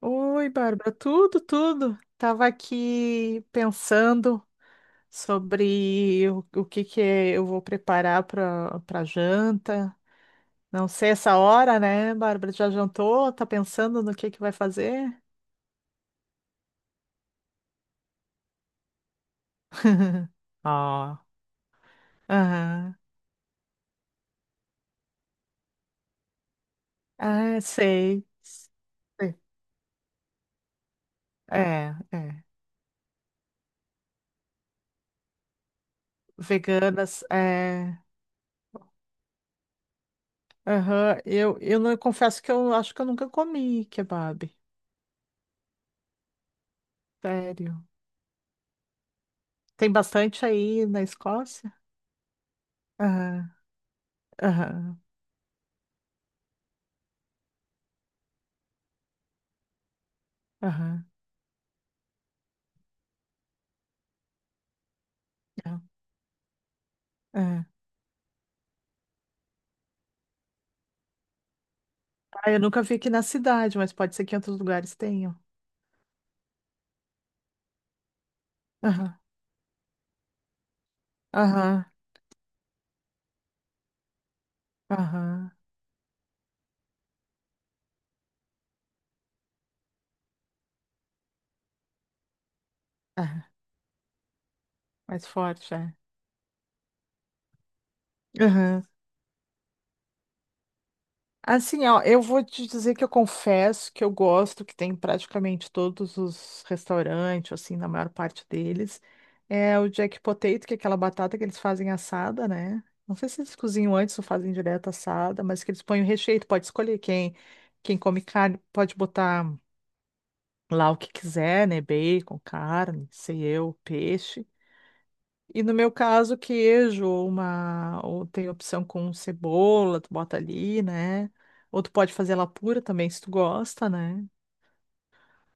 Oi, Bárbara, tudo. Tava aqui pensando sobre o que que eu vou preparar para janta. Não sei essa hora, né, Bárbara? Já jantou? Tá pensando no que vai fazer? Ó. Aham. Ah, sei. Sei. É, é. Veganas, é. Aham. Eu não eu confesso que eu acho que eu nunca comi kebab. Sério. Tem bastante aí na Escócia? Aham. Aham, aham, aham, é. Ah, eu nunca vi aqui na cidade, mas pode ser que em outros lugares tenham. Aham, aham, aham, aham, mais forte, é. Aham. Assim, ó, eu vou te dizer que eu confesso que eu gosto que tem em praticamente todos os restaurantes, assim, na maior parte deles. É o jack potato, que é aquela batata que eles fazem assada, né? Não sei se eles cozinham antes ou fazem direto assada, mas que eles põem o recheio, tu pode escolher quem, quem come carne, pode botar lá o que quiser, né? Bacon, carne, sei eu, peixe. E no meu caso, queijo, ou uma, ou tem opção com cebola, tu bota ali, né? Ou tu pode fazer ela pura também, se tu gosta, né?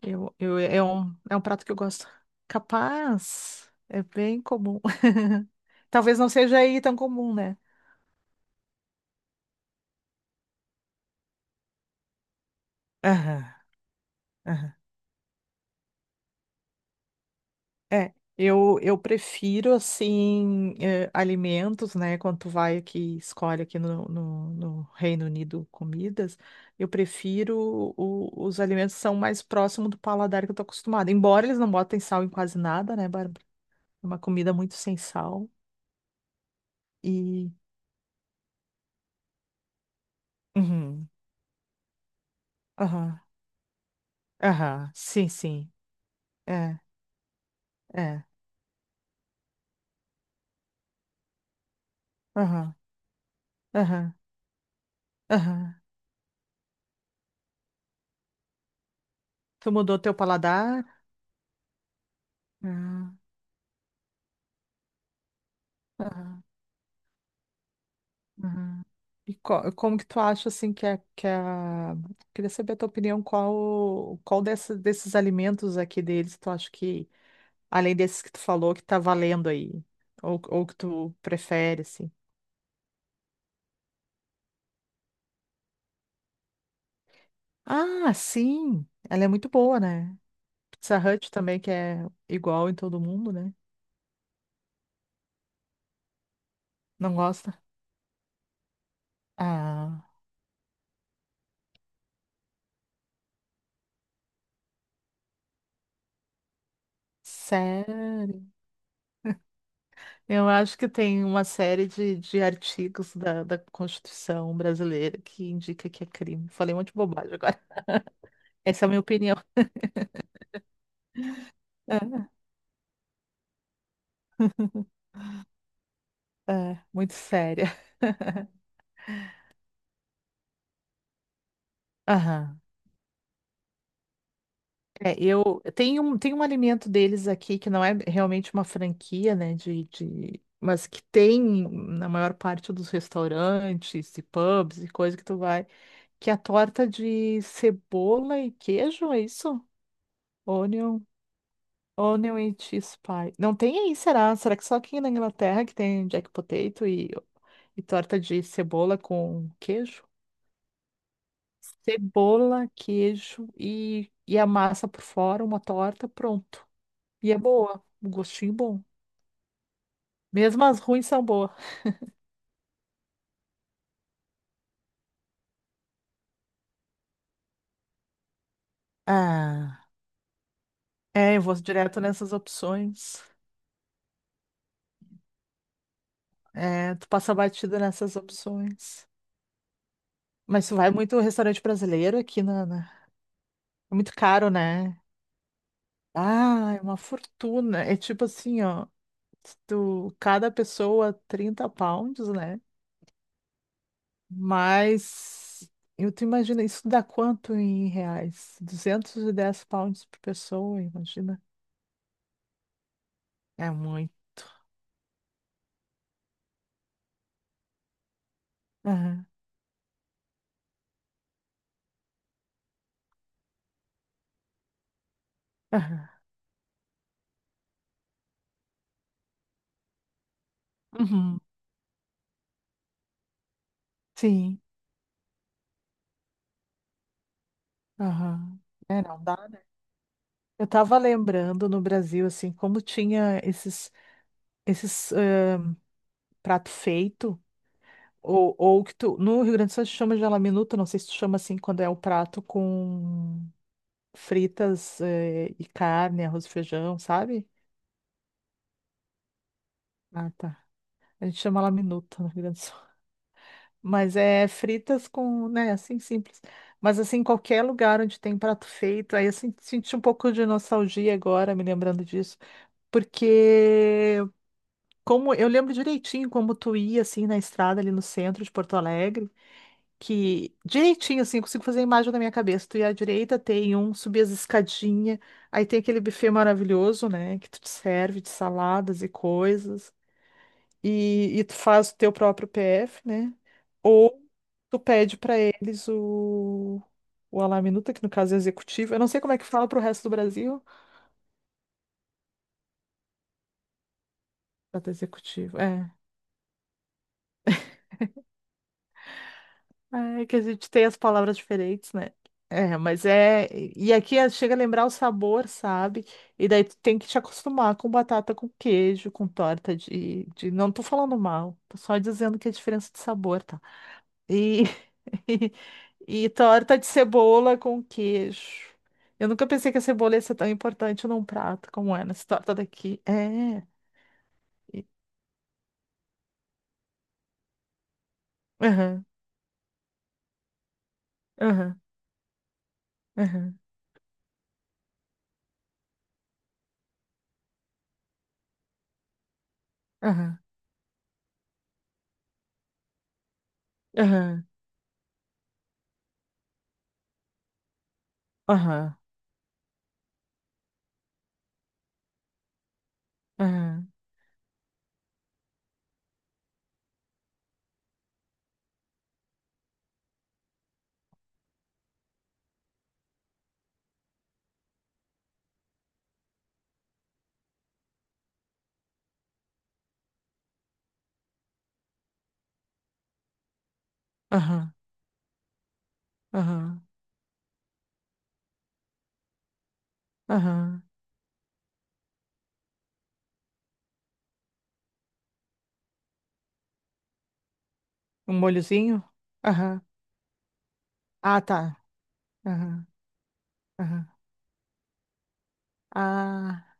É um prato que eu gosto. Capaz, é bem comum. Talvez não seja aí tão comum, né? Aham, aham. É, eu prefiro, assim, alimentos, né? Quando tu vai aqui, escolhe aqui no Reino Unido comidas, eu prefiro o- os alimentos que são mais próximos do paladar que eu tô acostumada. Embora eles não botem sal em quase nada, né, Bárbara? É uma comida muito sem sal. E. Uhum, aham, aham, sim. É, é, aham, aham, aham. Tu mudou teu paladar? Ah, Aham. Uhum. E co- como que tu acha assim que é que a... Queria saber a tua opinião, qual dessa- desses alimentos aqui deles tu acha que além desses que tu falou que tá valendo aí ou que tu prefere assim? Ah, sim, ela é muito boa, né? Pizza Hut também que é igual em todo mundo, né? Não gosta? Ah, sério? Eu acho que tem uma série de artigos da Constituição brasileira que indica que é crime. Falei um monte de bobagem agora. Essa é a minha opinião. Muito séria. Aham. É, tem um alimento deles aqui que não é realmente uma franquia, né, mas que tem na maior parte dos restaurantes e pubs e coisa que tu vai, que é a torta de cebola e queijo, é isso? Onion, onion and cheese pie. Não tem aí, será? Será que só aqui na Inglaterra que tem jack potato e torta de cebola com queijo? Cebola, queijo e a massa por fora, uma torta, pronto. E é boa, um gostinho bom. Mesmo as ruins são boas. Ah, é, eu vou direto nessas opções. É, tu passa batida nessas opções. Mas tu vai muito ao restaurante brasileiro aqui, Nana. É muito caro, né? Ah, é uma fortuna. É tipo assim, ó. Tu, cada pessoa 30 pounds, né? Mas eu te imagino, isso dá quanto em reais? 210 pounds por pessoa, imagina. É muito. Aham, aham. Uhum, Sim, aham. É, não dá, né? Eu tava lembrando no Brasil, assim, como tinha esses prato feito, ou que tu, no Rio Grande do Sul se chama de laminuta, não sei se tu chama assim quando é o prato com fritas e carne, arroz e feijão, sabe? Ah, tá. A gente chama laminuta no Rio Grande do Sul. Mas é fritas com, né, assim simples. Mas assim, em qualquer lugar onde tem prato feito, aí eu sen- senti um pouco de nostalgia agora, me lembrando disso, porque como eu lembro direitinho como tu ia assim na estrada ali no centro de Porto Alegre, que direitinho assim, eu consigo fazer a imagem da minha cabeça. Tu ia à direita, tem um, subir as escadinhas, aí tem aquele buffet maravilhoso, né, que tu te serve de saladas e coisas e tu faz o teu próprio PF, né? Ou tu pede para eles o Ala-minuta, que no caso é executivo. Eu não sei como é que fala para o resto do Brasil. Até executivo, é. É que a gente tem as palavras diferentes, né? É, mas é. E aqui é- chega a lembrar o sabor, sabe? E daí tu tem que te acostumar com batata com queijo, com torta de... Não tô falando mal, tô só dizendo que é a diferença de sabor, tá? E, e torta de cebola com queijo. Eu nunca pensei que a cebola ia ser tão importante num prato como é nessa torta daqui. É. e- Aham, aham, aham, aham, aham, aham, aham, aham, aham, aham. Um molhozinho? Aham. Ah, tá. Aham, aham. Ah.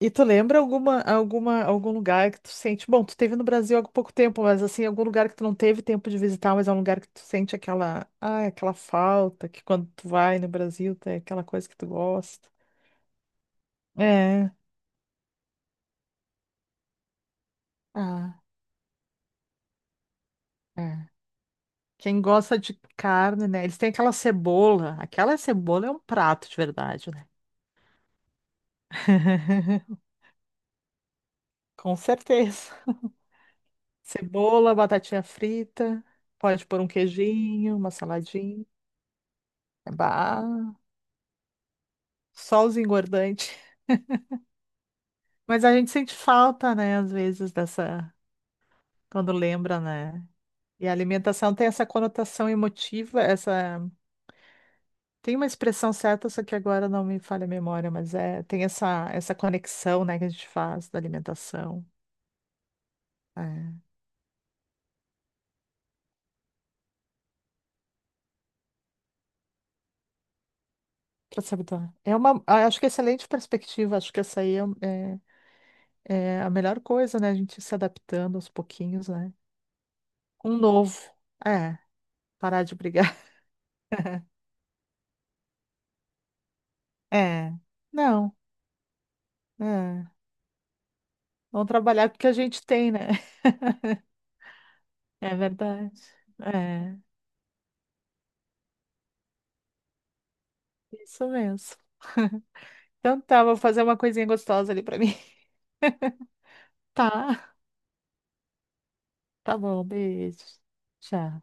E tu lembra algum lugar que tu sente? Bom, tu teve no Brasil há pouco tempo, mas assim, algum lugar que tu não teve tempo de visitar, mas é um lugar que tu sente aquela, ah, aquela falta, que quando tu vai no Brasil tem aquela coisa que tu gosta. É, ah, é. Quem gosta de carne, né? Eles têm aquela cebola. Aquela cebola é um prato de verdade, né? Com certeza. Cebola, batatinha frita, pode pôr um queijinho, uma saladinha. Bah, só os engordantes. Mas a gente sente falta, né, às vezes, dessa, quando lembra, né? E a alimentação tem essa conotação emotiva, essa, tem uma expressão certa, só que agora não me falha a memória, mas é, tem essa, essa conexão, né, que a gente faz da alimentação. É, pra se habituar. É uma, ah, acho que é excelente perspectiva, acho que essa aí é, um, é, é a melhor coisa, né? A gente se adaptando aos pouquinhos, né? Um novo. É, parar de brigar. É. Não, é. Vamos trabalhar com o que a gente tem, né? É verdade. É, isso mesmo. Então tá, vou fazer uma coisinha gostosa ali pra mim. Tá, tá bom, beijo. Tchau.